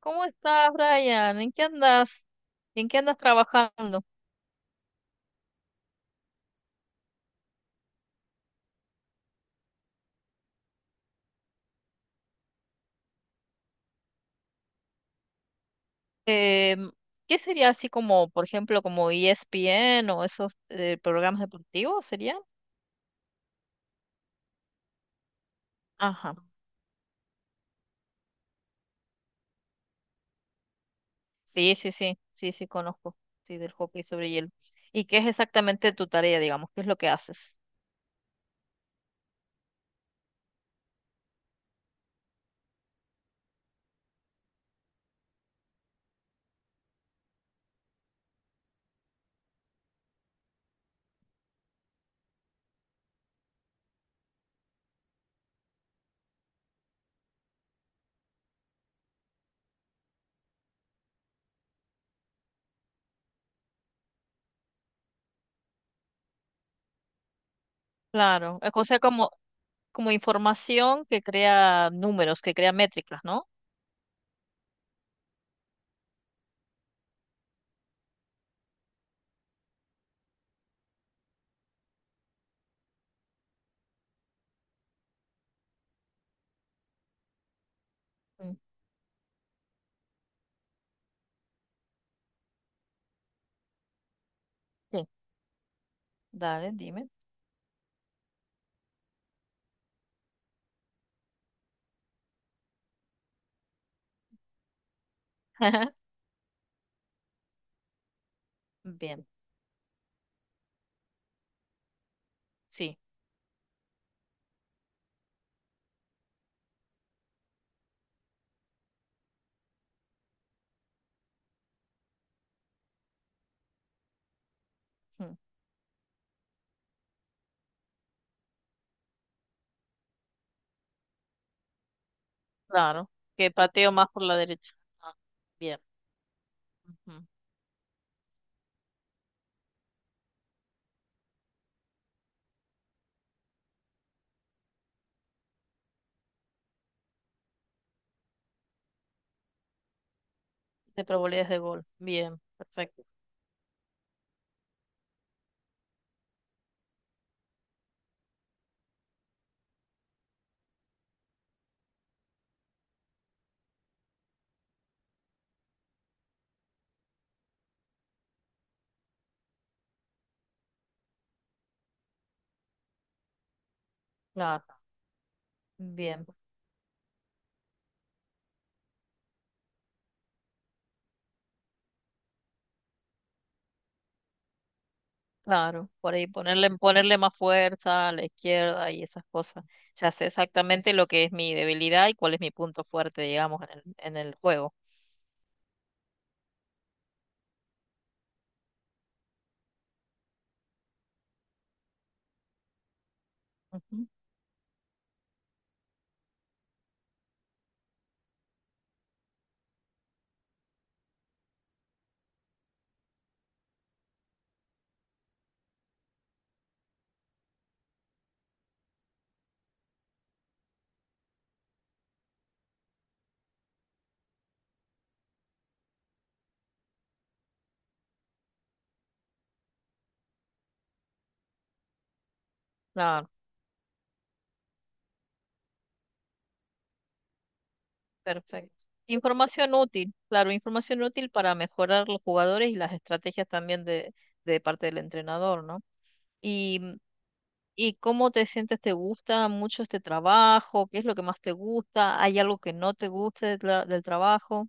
¿Cómo estás, Brian? ¿En qué andas? ¿En qué andas trabajando? Em, ¿Qué sería así como, por ejemplo, como ESPN o esos programas deportivos serían? Ajá. Sí, sí, sí, sí, sí, conozco, sí, del hockey sobre hielo. ¿Y qué es exactamente tu tarea, digamos? ¿Qué es lo que haces? Claro, o sea, como información que crea números, que crea métricas, ¿no? Mm, sí, dale, dime. Bien, sí. Mm. Claro, que pateo más por la derecha. Ah, bien. Ujú. De probabilidades de gol. Bien, perfecto. Claro, bien, claro. Por ahí ponerle más fuerza a la izquierda y esas cosas. Ya sé exactamente lo que es mi debilidad y cuál es mi punto fuerte, digamos, en el juego. Ujú. Claro, perfecto. Información útil, claro, información útil para mejorar los jugadores y las estrategias también de parte del entrenador, ¿no? y ¿Y cómo te sientes? ¿Te gusta mucho este trabajo? ¿Qué es lo que más te gusta? ¿Hay algo que no te guste de del trabajo?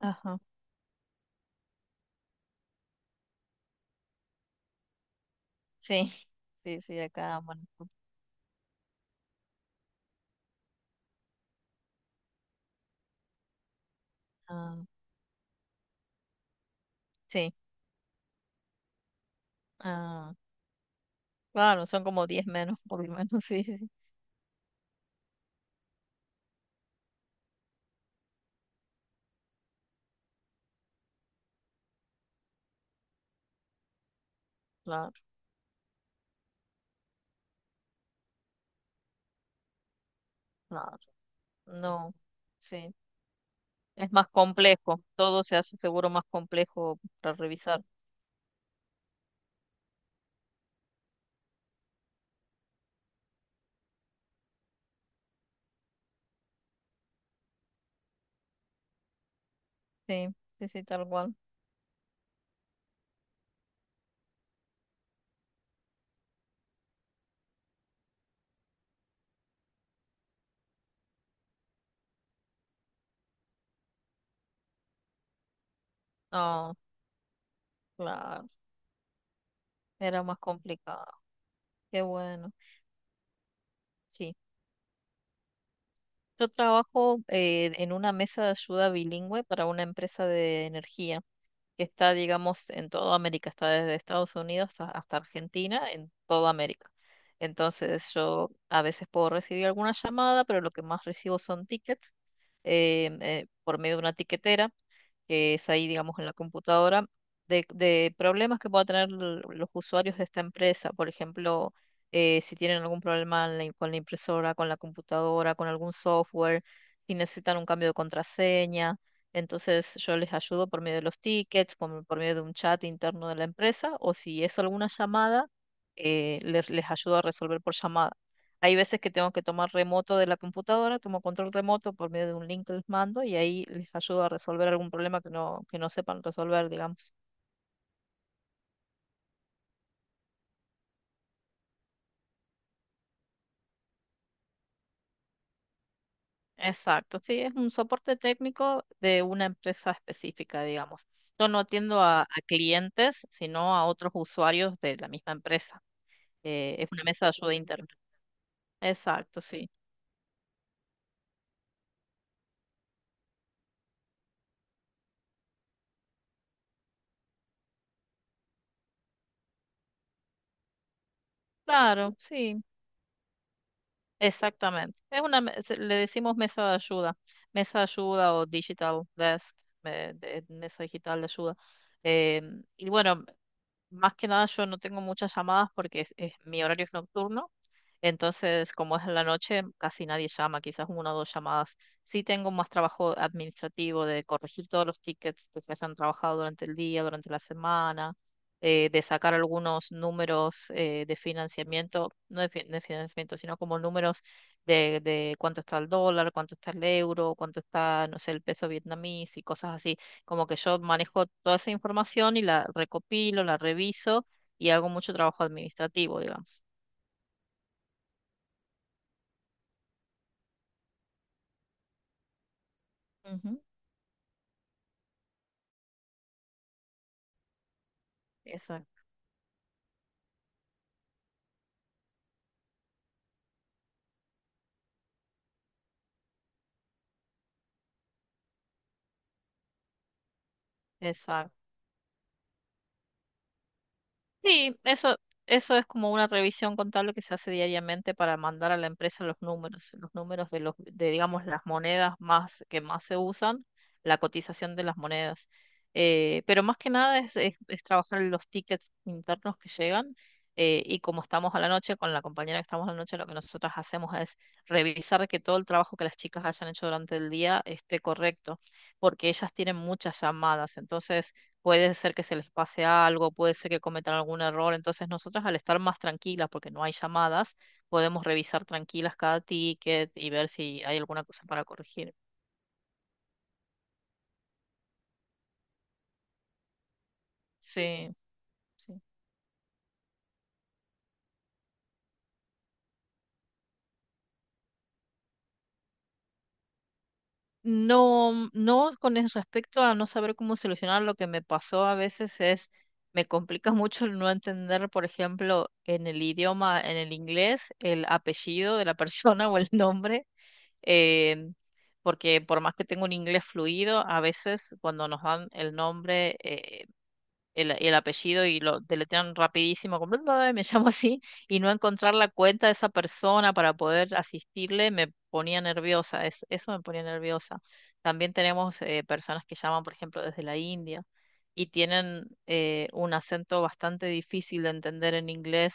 Ajá. Sí, sí, sí, acá, bueno. Ah, sí, ah, claro, son como 10 menos, por lo menos, sí, sí, sí, claro, claro. No, sí, es más complejo, todo se hace seguro más complejo para revisar. Sí, sí, sí, tal cual. Ah, claro, era más complicado. Qué bueno. Sí, yo trabajo en una mesa de ayuda bilingüe para una empresa de energía que está, digamos, en toda América, está desde Estados Unidos hasta, hasta Argentina, en toda América. Entonces yo a veces puedo recibir alguna llamada, pero lo que más recibo son tickets por medio de una tiquetera que es ahí, digamos, en la computadora, de problemas que puedan tener los usuarios de esta empresa. Por ejemplo, si tienen algún problema en la con la impresora, con la computadora, con algún software, si necesitan un cambio de contraseña. Entonces yo les ayudo por medio de los tickets, por medio de un chat interno de la empresa, o si es alguna llamada, les ayudo a resolver por llamada. Hay veces que tengo que tomar remoto de la computadora, tomo control remoto por medio de un link que les mando y ahí les ayudo a resolver algún problema que no sepan resolver, digamos. Exacto, sí, es un soporte técnico de una empresa específica, digamos. Yo no atiendo a clientes, sino a otros usuarios de la misma empresa. Es una mesa de ayuda interna. Exacto, sí. Claro, sí. Exactamente. Es una, le decimos mesa de ayuda o digital desk, mesa digital de ayuda. Y bueno, más que nada yo no tengo muchas llamadas porque mi horario es nocturno, entonces como es en la noche casi nadie llama, quizás una o dos llamadas. Sí tengo más trabajo administrativo de corregir todos los tickets que se hayan trabajado durante el día, durante la semana, de sacar algunos números de financiamiento, no de financiamiento, sino como números de cuánto está el dólar, cuánto está el euro, cuánto está, no sé, el peso vietnamís y cosas así como que yo manejo toda esa información y la recopilo, la reviso y hago mucho trabajo administrativo, digamos. Ujú. Exacto, sí, eso es como una revisión contable que se hace diariamente para mandar a la empresa los números de digamos las monedas más que más se usan, la cotización de las monedas. Pero más que nada es trabajar en los tickets internos que llegan y como estamos a la noche, con la compañera que estamos a la noche, lo que nosotras hacemos es revisar que todo el trabajo que las chicas hayan hecho durante el día esté correcto, porque ellas tienen muchas llamadas, entonces puede ser que se les pase algo, puede ser que cometan algún error. Entonces nosotras al estar más tranquilas, porque no hay llamadas, podemos revisar tranquilas cada ticket y ver si hay alguna cosa para corregir. Sí, sí. No, no con el respecto a no saber cómo solucionar, lo que me pasó a veces me complica mucho el no entender, por ejemplo, en el idioma, en el inglés, el apellido de la persona o el nombre eh, porque por más que tengo un inglés fluido, a veces cuando nos dan el nombre, el apellido y lo deletrean rapidísimo, como, "Bla, bla, bla", me llamo así, y no encontrar la cuenta de esa persona para poder asistirle me ponía nerviosa, eso me ponía nerviosa. También tenemos personas que llaman, por ejemplo, desde la India y tienen un acento bastante difícil de entender en inglés.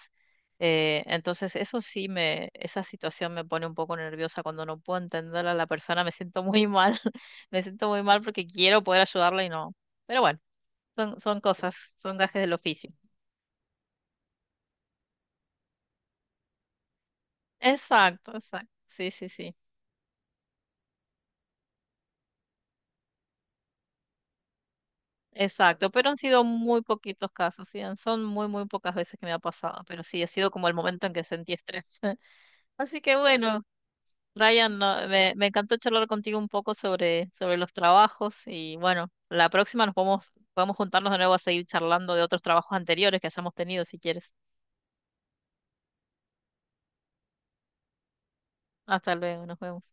Entonces, eso sí me, esa situación me pone un poco nerviosa cuando no puedo entender a la persona, me siento muy mal, me siento muy mal porque quiero poder ayudarla y no. Pero bueno. Son cosas, son gajes del oficio. Exacto, exacto. Sí, sí, sí. Exacto. Pero han sido muy poquitos casos, sí. Son muy, muy pocas veces que me ha pasado. Pero sí, ha sido como el momento en que sentí estrés. Así que bueno, Ryan, me encantó charlar contigo un poco sobre los trabajos. Y bueno, la próxima podemos juntarnos de nuevo a seguir charlando de otros trabajos anteriores que hayamos tenido, si quieres. Hasta luego, nos vemos.